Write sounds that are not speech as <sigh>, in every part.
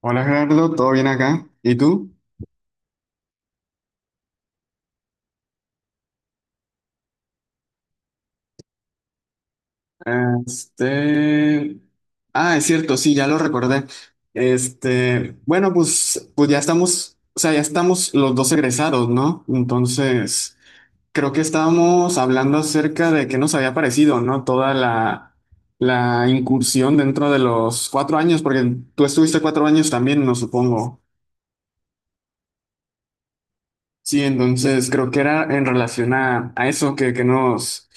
Hola Gerardo, ¿todo bien acá? ¿Y tú? Este... Ah, es cierto, sí, ya lo recordé. Bueno, pues ya estamos, o sea, ya estamos los dos egresados, ¿no? Entonces, creo que estábamos hablando acerca de qué nos había parecido, ¿no? Toda la incursión dentro de los 4 años, porque tú estuviste 4 años también, no supongo. Sí, entonces creo que era en relación a eso que, que nos,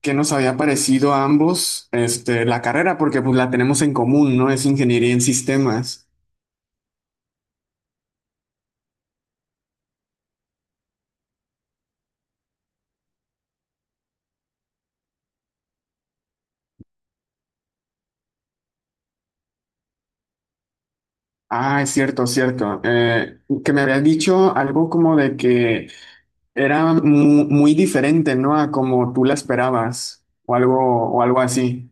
que nos había parecido a ambos la carrera, porque pues la tenemos en común, ¿no? Es ingeniería en sistemas. Ah, es cierto, cierto. Que me habías dicho algo como de que era muy diferente, ¿no? A como tú la esperabas, o algo así.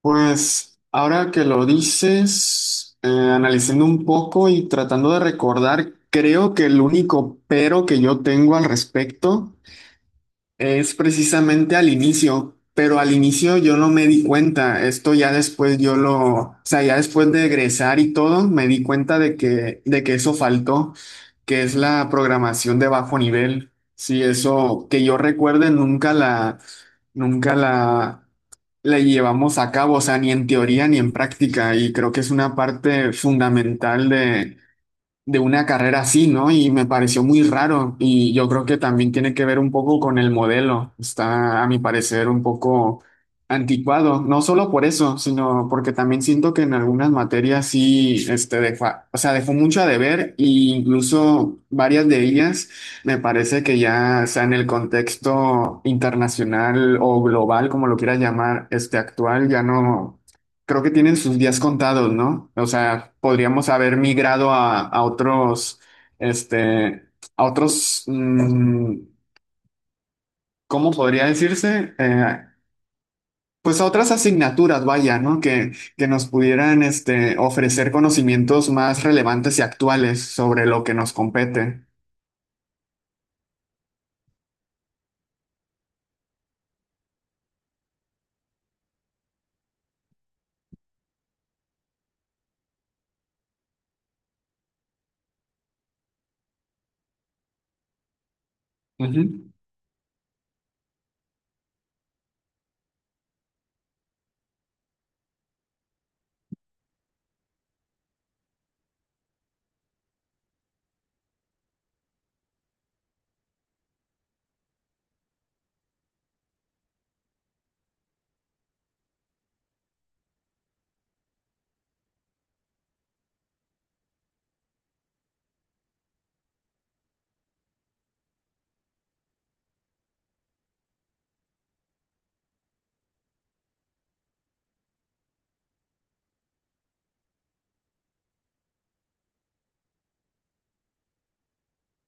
Pues ahora que lo dices, analizando un poco y tratando de recordar, creo que el único pero que yo tengo al respecto es precisamente al inicio, pero al inicio yo no me di cuenta, esto ya después yo lo, o sea, ya después de egresar y todo, me di cuenta de que eso faltó, que es la programación de bajo nivel. Sí, eso que yo recuerde nunca la llevamos a cabo, o sea, ni en teoría ni en práctica, y creo que es una parte fundamental de una carrera así, ¿no? Y me pareció muy raro y yo creo que también tiene que ver un poco con el modelo. Está, a mi parecer, un poco anticuado, no solo por eso, sino porque también siento que en algunas materias sí, o sea, dejó mucho a deber e incluso varias de ellas me parece que ya, o sea, en el contexto internacional o global, como lo quieras llamar, este actual, ya no. Creo que tienen sus días contados, ¿no? O sea, podríamos haber migrado este, a otros, ¿cómo podría decirse? Pues a otras asignaturas, vaya, ¿no? Que nos pudieran, ofrecer conocimientos más relevantes y actuales sobre lo que nos compete. Ujú,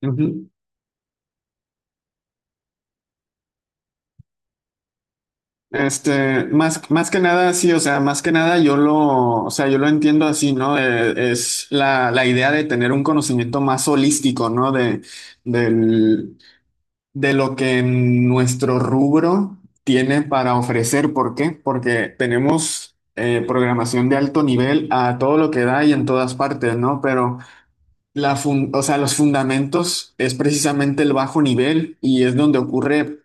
ujú. Más que nada, sí, o sea, más que nada yo lo entiendo así, ¿no? Es la idea de tener un conocimiento más holístico, ¿no? Del, de lo que nuestro rubro tiene para ofrecer. ¿Por qué? Porque tenemos programación de alto nivel a todo lo que da y en todas partes, ¿no? Pero o sea, los fundamentos es precisamente el bajo nivel y es donde ocurre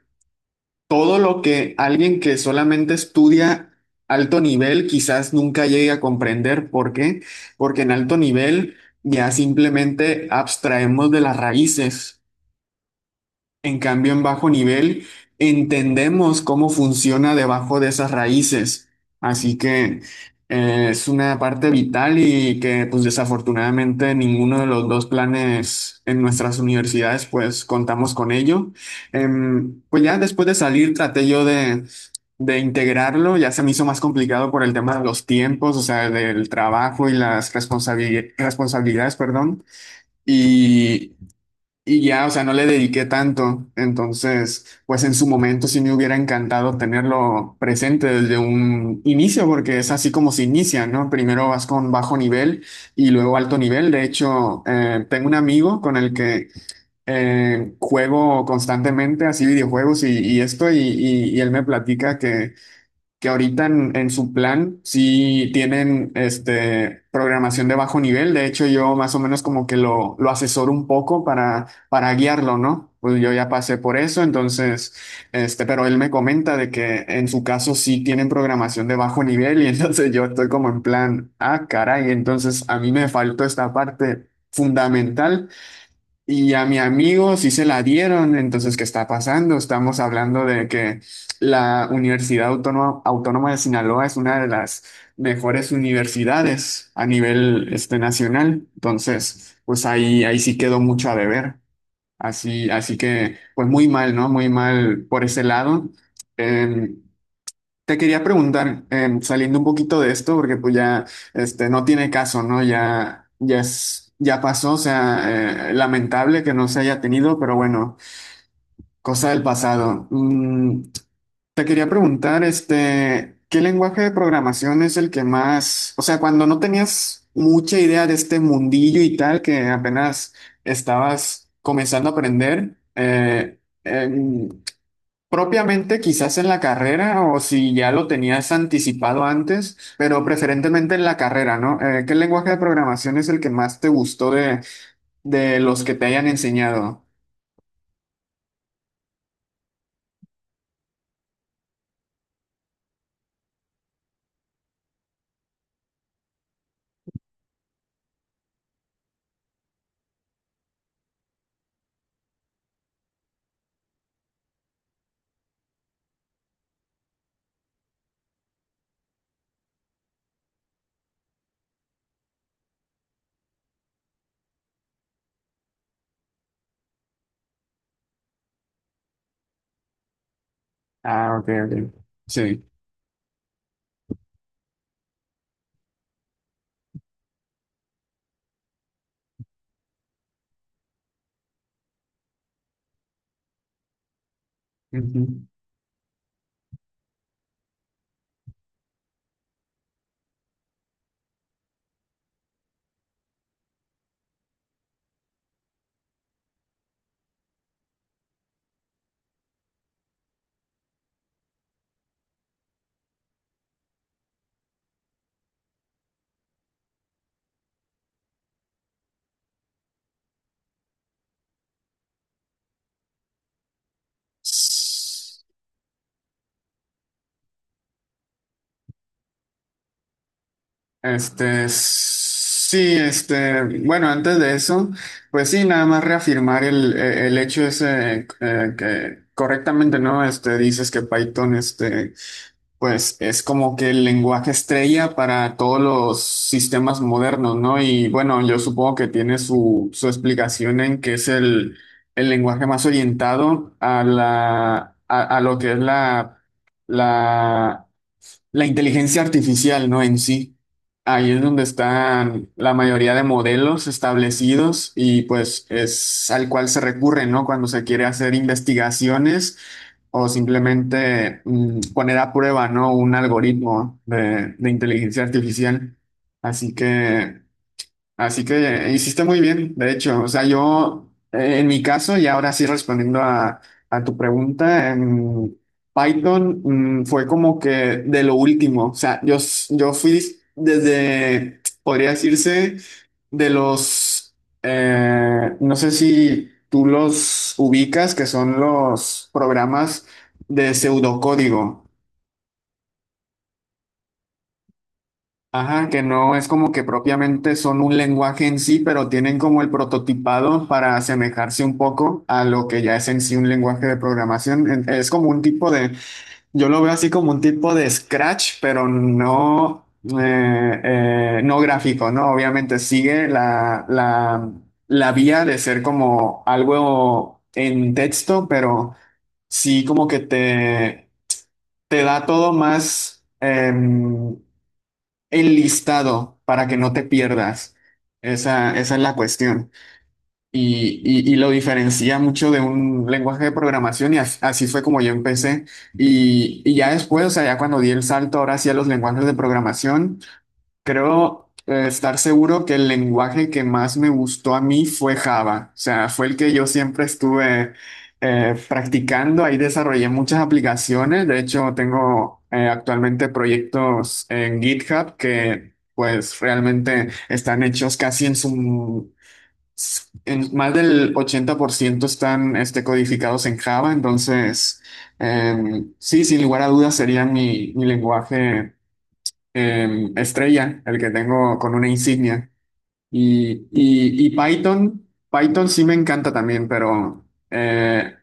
todo lo que alguien que solamente estudia alto nivel quizás nunca llegue a comprender. ¿Por qué? Porque en alto nivel ya simplemente abstraemos de las raíces. En cambio, en bajo nivel entendemos cómo funciona debajo de esas raíces. Así que es una parte vital y que pues desafortunadamente ninguno de los dos planes en nuestras universidades pues contamos con ello. Pues ya después de salir traté yo de integrarlo, ya se me hizo más complicado por el tema de los tiempos, o sea, del trabajo y las responsabilidades, perdón. Y y ya, o sea, no le dediqué tanto. Entonces, pues en su momento sí me hubiera encantado tenerlo presente desde un inicio, porque es así como se inicia, ¿no? Primero vas con bajo nivel y luego alto nivel. De hecho, tengo un amigo con el que juego constantemente así videojuegos y esto, y él me platica que ahorita en su plan sí tienen programación de bajo nivel. De hecho, yo más o menos como que lo asesoro un poco para guiarlo, ¿no? Pues yo ya pasé por eso, entonces, pero él me comenta de que en su caso sí tienen programación de bajo nivel y <laughs> entonces yo estoy como en plan, ah, caray, entonces a mí me faltó esta parte fundamental y a mi amigo sí se la dieron, entonces, ¿qué está pasando? Estamos hablando de que la Universidad Autónoma de Sinaloa es una de las mejores universidades a nivel nacional, entonces, pues ahí sí quedó mucho a deber. Así que, pues muy mal, ¿no? Muy mal por ese lado. Eh, Te quería preguntar, saliendo un poquito de esto, porque pues ya no tiene caso, ¿no? Ya, ya es, ya pasó, o sea, lamentable que no se haya tenido, pero bueno, cosa del pasado. Te quería preguntar, ¿qué lenguaje de programación es el que más, o sea, cuando no tenías mucha idea de este mundillo y tal, que apenas estabas comenzando a aprender, propiamente quizás en la carrera o si ya lo tenías anticipado antes, pero preferentemente en la carrera, ¿no? ¿Qué lenguaje de programación es el que más te gustó de los que te hayan enseñado? Ah, ok, ok. Sí. Ujú. Sí, bueno, antes de eso, pues sí, nada más reafirmar el hecho ese que correctamente, ¿no? Dices que Python, pues es como que el lenguaje estrella para todos los sistemas modernos, ¿no? Y bueno, yo supongo que tiene su explicación en que es el lenguaje más orientado a lo que es la la inteligencia artificial, ¿no? En sí. Ahí es donde están la mayoría de modelos establecidos y pues es al cual se recurre, ¿no? Cuando se quiere hacer investigaciones o simplemente poner a prueba, ¿no? Un algoritmo de inteligencia artificial. Así que... Así que Hiciste muy bien, de hecho. O sea, yo, en mi caso, y ahora sí respondiendo a tu pregunta, Python, fue como que de lo último. O sea, yo fui desde, podría decirse, de los, no sé si tú los ubicas, que son los programas de pseudocódigo. Ajá, que no es como que propiamente son un lenguaje en sí, pero tienen como el prototipado para asemejarse un poco a lo que ya es en sí un lenguaje de programación. Es como un tipo de, yo lo veo así como un tipo de Scratch, pero no, eh, no gráfico, ¿no? Obviamente sigue la vía de ser como algo en texto, pero sí como que te da todo más, em, el listado para que no te pierdas. Esa es la cuestión. Y lo diferencia mucho de un lenguaje de programación y así fue como yo empecé. Y ya después, o sea, ya cuando di el salto ahora sí a los lenguajes de programación. Creo estar seguro que el lenguaje que más me gustó a mí fue Java, o sea, fue el que yo siempre estuve practicando, ahí desarrollé muchas aplicaciones, de hecho tengo actualmente proyectos en GitHub que pues realmente están hechos En más del 80% están codificados en Java, entonces sí, sin lugar a dudas sería mi lenguaje estrella, el que tengo con una insignia. Y Python, Python sí me encanta también, pero eh,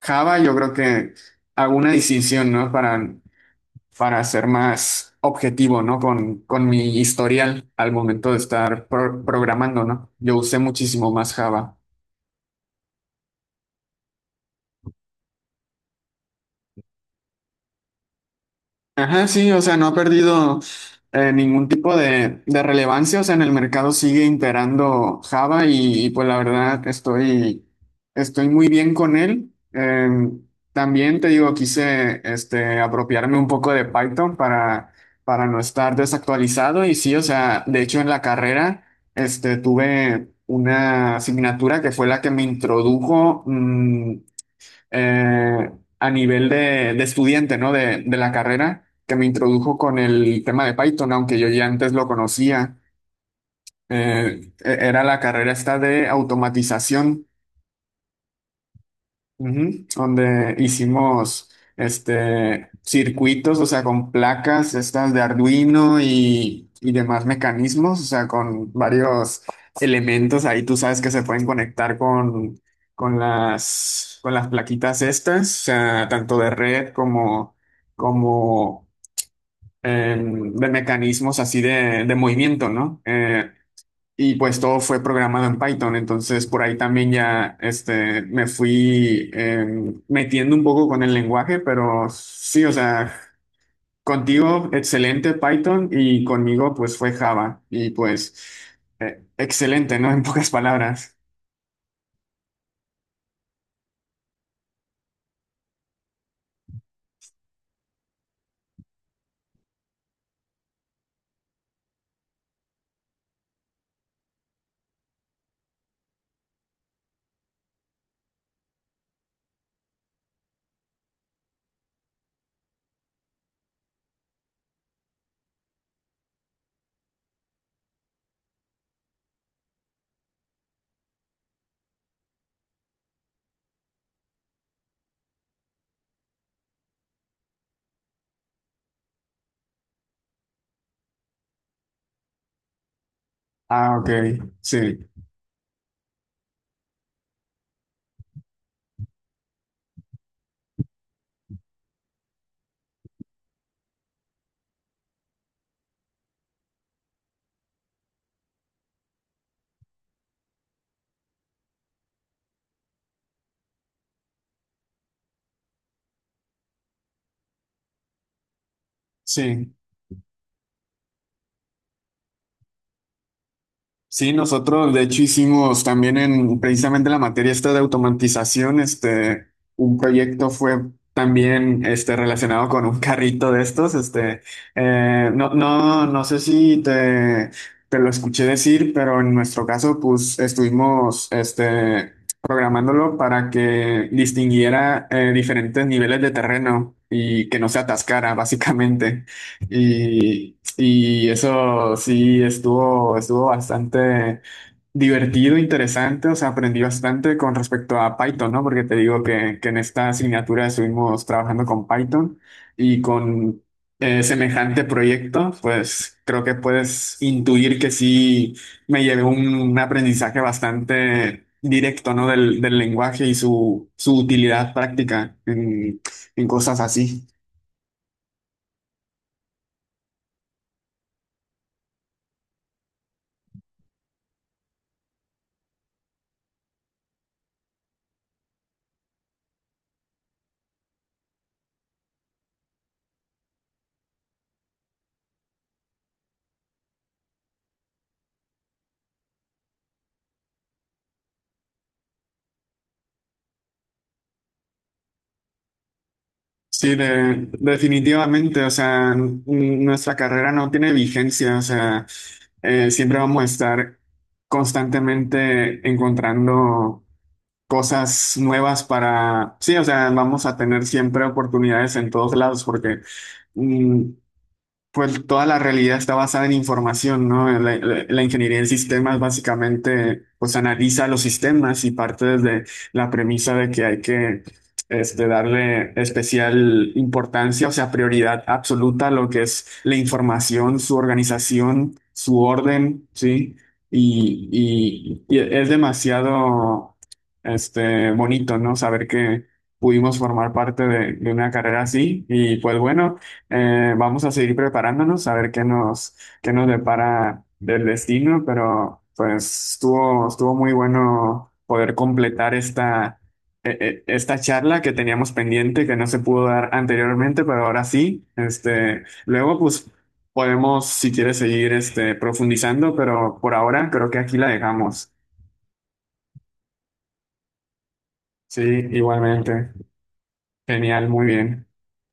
Java yo creo que hago una distinción, ¿no? Para ser más objetivo, ¿no? Con mi historial al momento de estar programando, ¿no? Yo usé muchísimo más Java. Ajá, sí, o sea, no ha perdido ningún tipo de relevancia, o sea, en el mercado sigue imperando Java pues la verdad estoy muy bien con él. También te digo, quise apropiarme un poco de Python para no estar desactualizado y sí, o sea, de hecho en la carrera tuve una asignatura que fue la que me introdujo eh, a nivel de estudiante, ¿no? De la carrera, que me introdujo con el tema de Python, aunque yo ya antes lo conocía. Era la carrera esta de automatización. Ujú. Donde hicimos circuitos, o sea, con placas estas de Arduino y demás mecanismos, o sea, con varios elementos ahí tú sabes que se pueden conectar con las plaquitas estas, o sea, tanto de red como de mecanismos así de movimiento, ¿no? Y pues todo fue programado en Python, entonces por ahí también ya me fui metiendo un poco con el lenguaje, pero sí, o sea, contigo excelente Python y conmigo pues fue Java y pues excelente, ¿no? <laughs> En pocas palabras. Ah, ok, sí, sí. Sí, nosotros de hecho hicimos también en precisamente la materia esta de automatización, un proyecto fue también relacionado con un carrito de estos, no sé si te lo escuché decir, pero en nuestro caso pues estuvimos programándolo para que distinguiera diferentes niveles de terreno y que no se atascara básicamente. Y eso sí estuvo bastante divertido, interesante, o sea, aprendí bastante con respecto a Python, ¿no? Porque te digo que en esta asignatura estuvimos trabajando con Python y con semejante proyecto, pues creo que puedes intuir que sí me llevé un aprendizaje bastante directo, ¿no? Del lenguaje y su utilidad práctica en cosas así. Sí, definitivamente, o sea, nuestra carrera no tiene vigencia, o sea, siempre vamos a estar constantemente encontrando cosas nuevas para, sí, o sea, vamos a tener siempre oportunidades en todos lados porque mm, pues toda la realidad está basada en información, ¿no? La ingeniería en sistemas básicamente pues analiza los sistemas y parte desde la premisa de que hay que darle especial importancia, o sea, prioridad absoluta a lo que es la información, su organización, su orden, ¿sí? Y es demasiado bonito, ¿no? Saber que pudimos formar parte de una carrera así y pues bueno. Vamos a seguir preparándonos a ver qué nos depara del destino, pero pues estuvo muy bueno poder completar esta, esta charla que teníamos pendiente, que no se pudo dar anteriormente, pero ahora sí. Luego, pues podemos, si quieres, seguir profundizando, pero por ahora creo que aquí la dejamos. Sí, igualmente. Genial, muy bien.